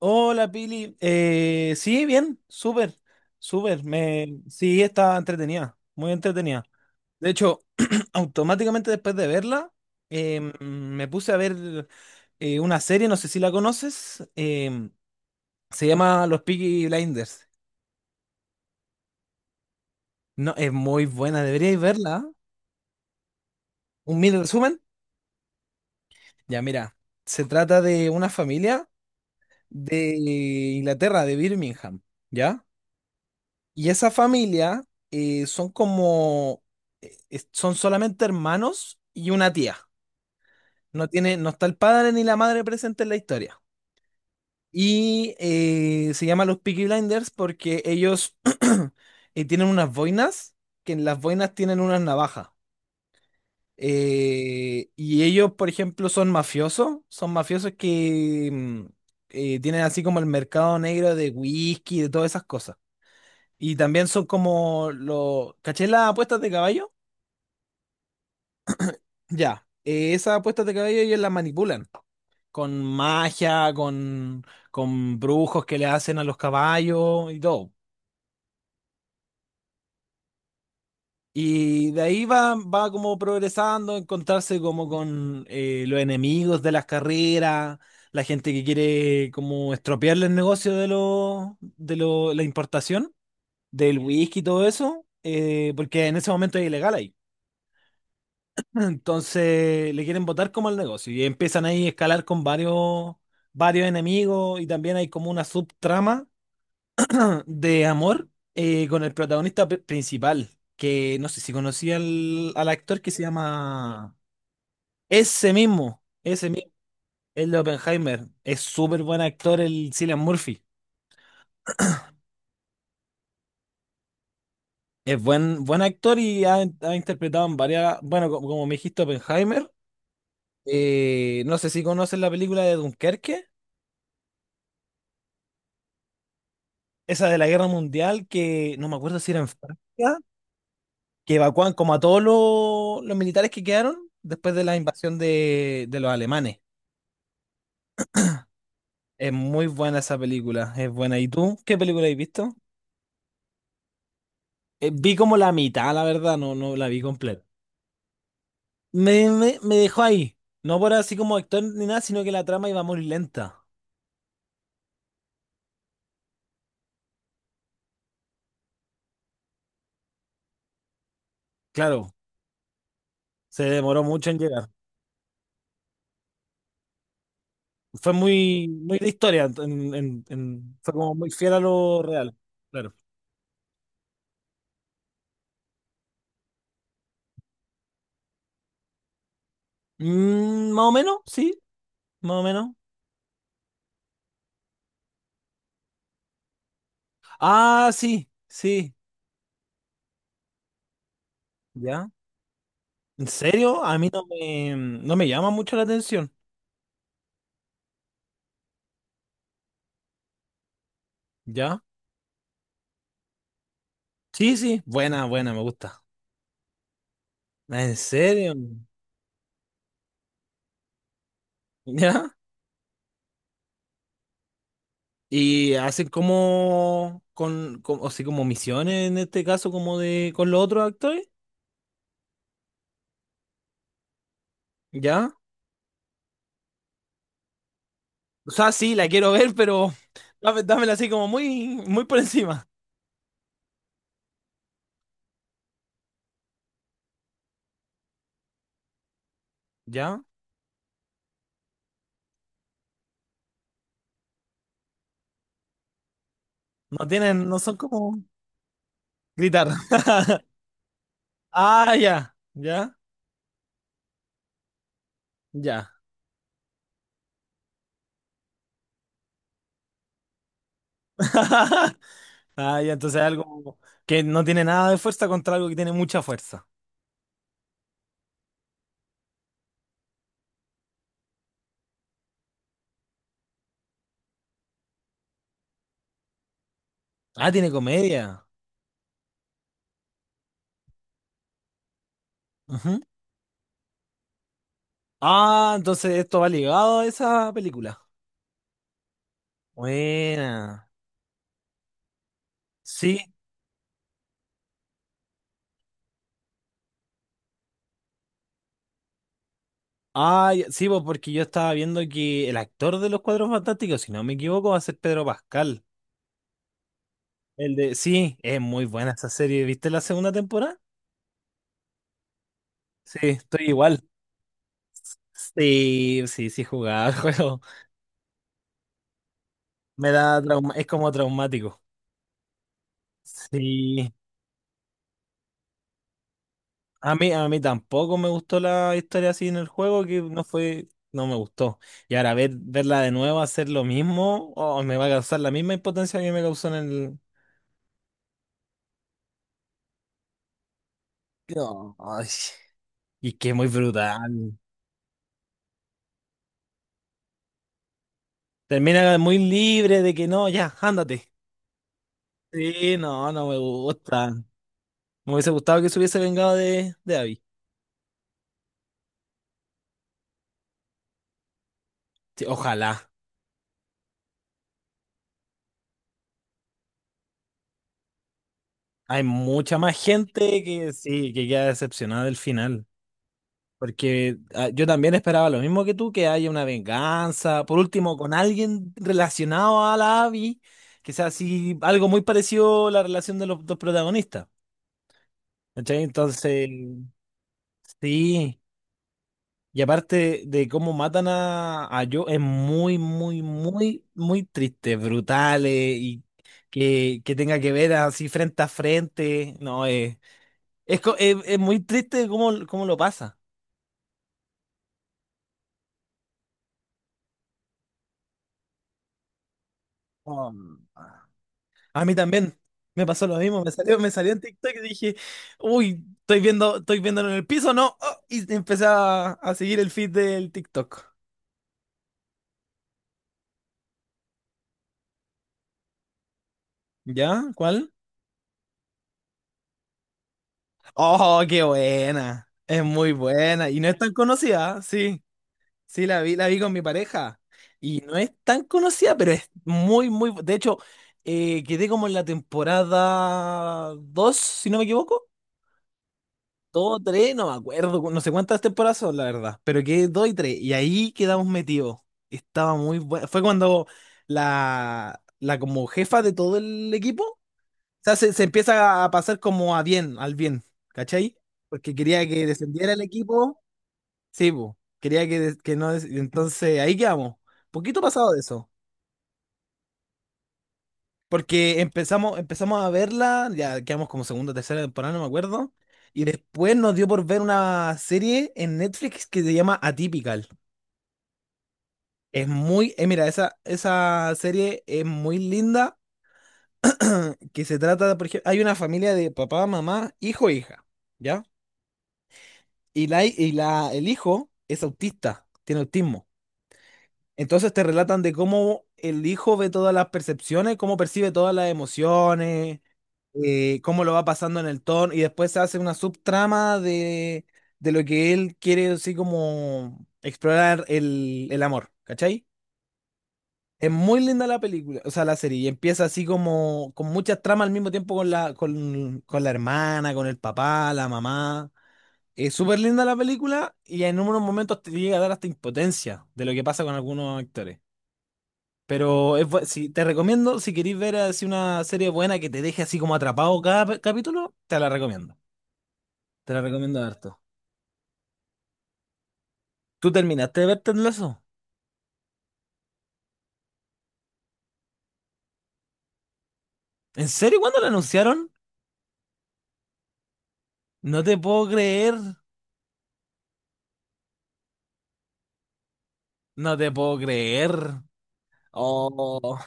Hola Pili, sí, bien, sí, está entretenida, muy entretenida. De hecho, automáticamente después de verla, me puse a ver una serie, no sé si la conoces, se llama Los Peaky Blinders. No, es muy buena, deberíais verla. ¿Eh? Un mini resumen. Ya, mira, se trata de una familia de Inglaterra, de Birmingham, ¿ya? Y esa familia son como, son solamente hermanos y una tía. No está el padre ni la madre presente en la historia. Y se llama los Peaky Blinders porque ellos tienen unas boinas, que en las boinas tienen unas navajas. Y ellos, por ejemplo, son mafiosos que tienen así como el mercado negro de whisky, de todas esas cosas. Y también son como los… ¿Caché las apuestas de caballo? Ya. Esas apuestas de caballo ellos las manipulan. Con magia, con, con brujos que le hacen a los caballos y todo. Y de ahí va, va como progresando, encontrarse como con los enemigos de las carreras, la gente que quiere como estropearle el negocio la importación, del whisky y todo eso, porque en ese momento es ilegal ahí. Entonces le quieren botar como al negocio y empiezan ahí a escalar con varios enemigos, y también hay como una subtrama de amor con el protagonista principal, que no sé si conocía al actor que se llama… ese mismo, el de Oppenheimer. Es súper buen actor el Cillian Murphy. Buen actor y ha interpretado en varias… Bueno, como, me dijiste, Oppenheimer. Eh, no sé si conoces la película de Dunkerque. Esa de la guerra mundial, que no me acuerdo si era en Francia, que evacuan como a todos los militares que quedaron después de la invasión de los alemanes. Es muy buena esa película, es buena. ¿Y tú qué película has visto? Vi como la mitad, la verdad, no, no la vi completa. Me dejó ahí, no por así como actor ni nada, sino que la trama iba muy lenta. Claro, se demoró mucho en llegar. Fue muy de historia, fue como muy fiel a lo real. Claro. Mm, más o menos, sí. Más o menos. Ah, sí, sí, ya. ¿En serio? A mí no me llama mucho la atención, ¿ya? Sí, sí, buena, me gusta. ¿En serio? ¿Ya? Y hacen como, o sea, como misiones en este caso, como de, con los otros actores, ¿ya? O sea, sí, la quiero ver, pero dámela así como muy por encima, ¿ya? No son como gritar. Ah, ya, ya, ya. Ah, ya, entonces es algo que no tiene nada de fuerza contra algo que tiene mucha fuerza. Ah, tiene comedia. Ujú. Ah, entonces esto va ligado a esa película. Buena. Sí. Ah, ya, sí, pues, porque yo estaba viendo que el actor de Los Cuadros Fantásticos, si no me equivoco, va a ser Pedro Pascal. El de… Sí, es muy buena esa serie. ¿Viste la segunda temporada? Sí, estoy igual. Sí, sí, sí, jugaba el juego. Me da trauma, es como traumático. Sí. A mí tampoco me gustó la historia así en el juego, que no fue, no me gustó. Y ahora verla de nuevo hacer lo mismo, oh, me va a causar la misma impotencia que me causó en el… No, ay, y que es muy brutal. Termina muy libre de que no, ya, ándate. Sí, no, no me gusta. Me hubiese gustado que se hubiese vengado de Abby. Sí, ojalá. Hay mucha más gente que sí, que queda decepcionada del final. Porque ah, yo también esperaba lo mismo que tú, que haya una venganza, por último, con alguien relacionado a la Abby, que sea así, algo muy parecido a la relación de los dos protagonistas. ¿Cachai? Entonces, sí. Y aparte de cómo matan a Joe, es muy, muy, muy, muy triste, brutal, y que tenga que ver así frente a frente. No, es muy triste cómo, cómo lo pasa. Oh. A mí también me pasó lo mismo, me salió en TikTok y dije, uy, estoy viéndolo en el piso, ¿no? Oh, y empecé a seguir el feed del TikTok. ¿Ya? ¿Cuál? Oh, qué buena. Es muy buena. Y no es tan conocida, sí. Sí, la vi con mi pareja. Y no es tan conocida, pero es muy. De hecho, quedé como en la temporada 2, si no me equivoco. Dos tres, no me acuerdo, no sé cuántas temporadas son, la verdad, pero que dos y tres, y ahí quedamos metidos. Estaba muy bueno. Fue cuando la como jefa de todo el equipo, o sea, se empieza a pasar como a bien, al bien, ¿cachai? Porque quería que descendiera el equipo, sí, po, quería que, no, des- entonces ahí quedamos, poquito pasado de eso. Porque empezamos a verla, ya quedamos como segunda o tercera temporada, no me acuerdo. Y después nos dio por ver una serie en Netflix que se llama Atypical. Es muy, mira, esa serie es muy linda, que se trata, de, por ejemplo, hay una familia de papá, mamá, hijo e hija, ¿ya? El hijo es autista, tiene autismo. Entonces te relatan de cómo el hijo ve todas las percepciones, cómo percibe todas las emociones, cómo lo va pasando en el tono, y después se hace una subtrama de lo que él quiere, así como explorar el amor, ¿cachai? Es muy linda la película, o sea, la serie, y empieza así como con muchas tramas al mismo tiempo con la, con la hermana, con el papá, la mamá. Es súper linda la película y en unos momentos te llega a dar hasta impotencia de lo que pasa con algunos actores. Pero es, si, te recomiendo, si queréis ver así una serie buena que te deje así como atrapado cada capítulo, te la recomiendo. Te la recomiendo harto. ¿Tú terminaste de ver Ted Lasso? ¿En serio, cuándo lo anunciaron? No te puedo creer. No te puedo creer. Oh.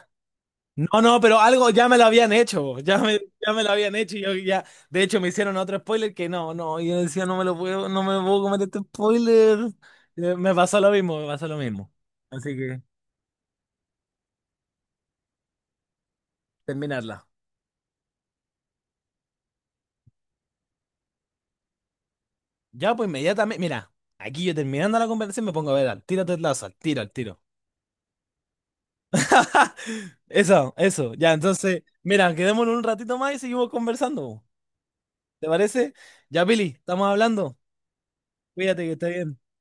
No, no, pero algo ya me lo habían hecho. Ya me lo habían hecho y yo ya. De hecho, me hicieron otro spoiler que no, no. Yo decía, no me puedo comer este spoiler. Me pasó lo mismo, me pasó lo mismo. Así que terminarla. Ya, pues inmediatamente. Mira, aquí yo terminando la conversación me pongo a ver al tiro Ted Lasso, al tiro, al tiro. Eso, eso. Ya, entonces, mira, quedémonos un ratito más y seguimos conversando. ¿Te parece? Ya, Pili, estamos hablando. Cuídate que esté bien.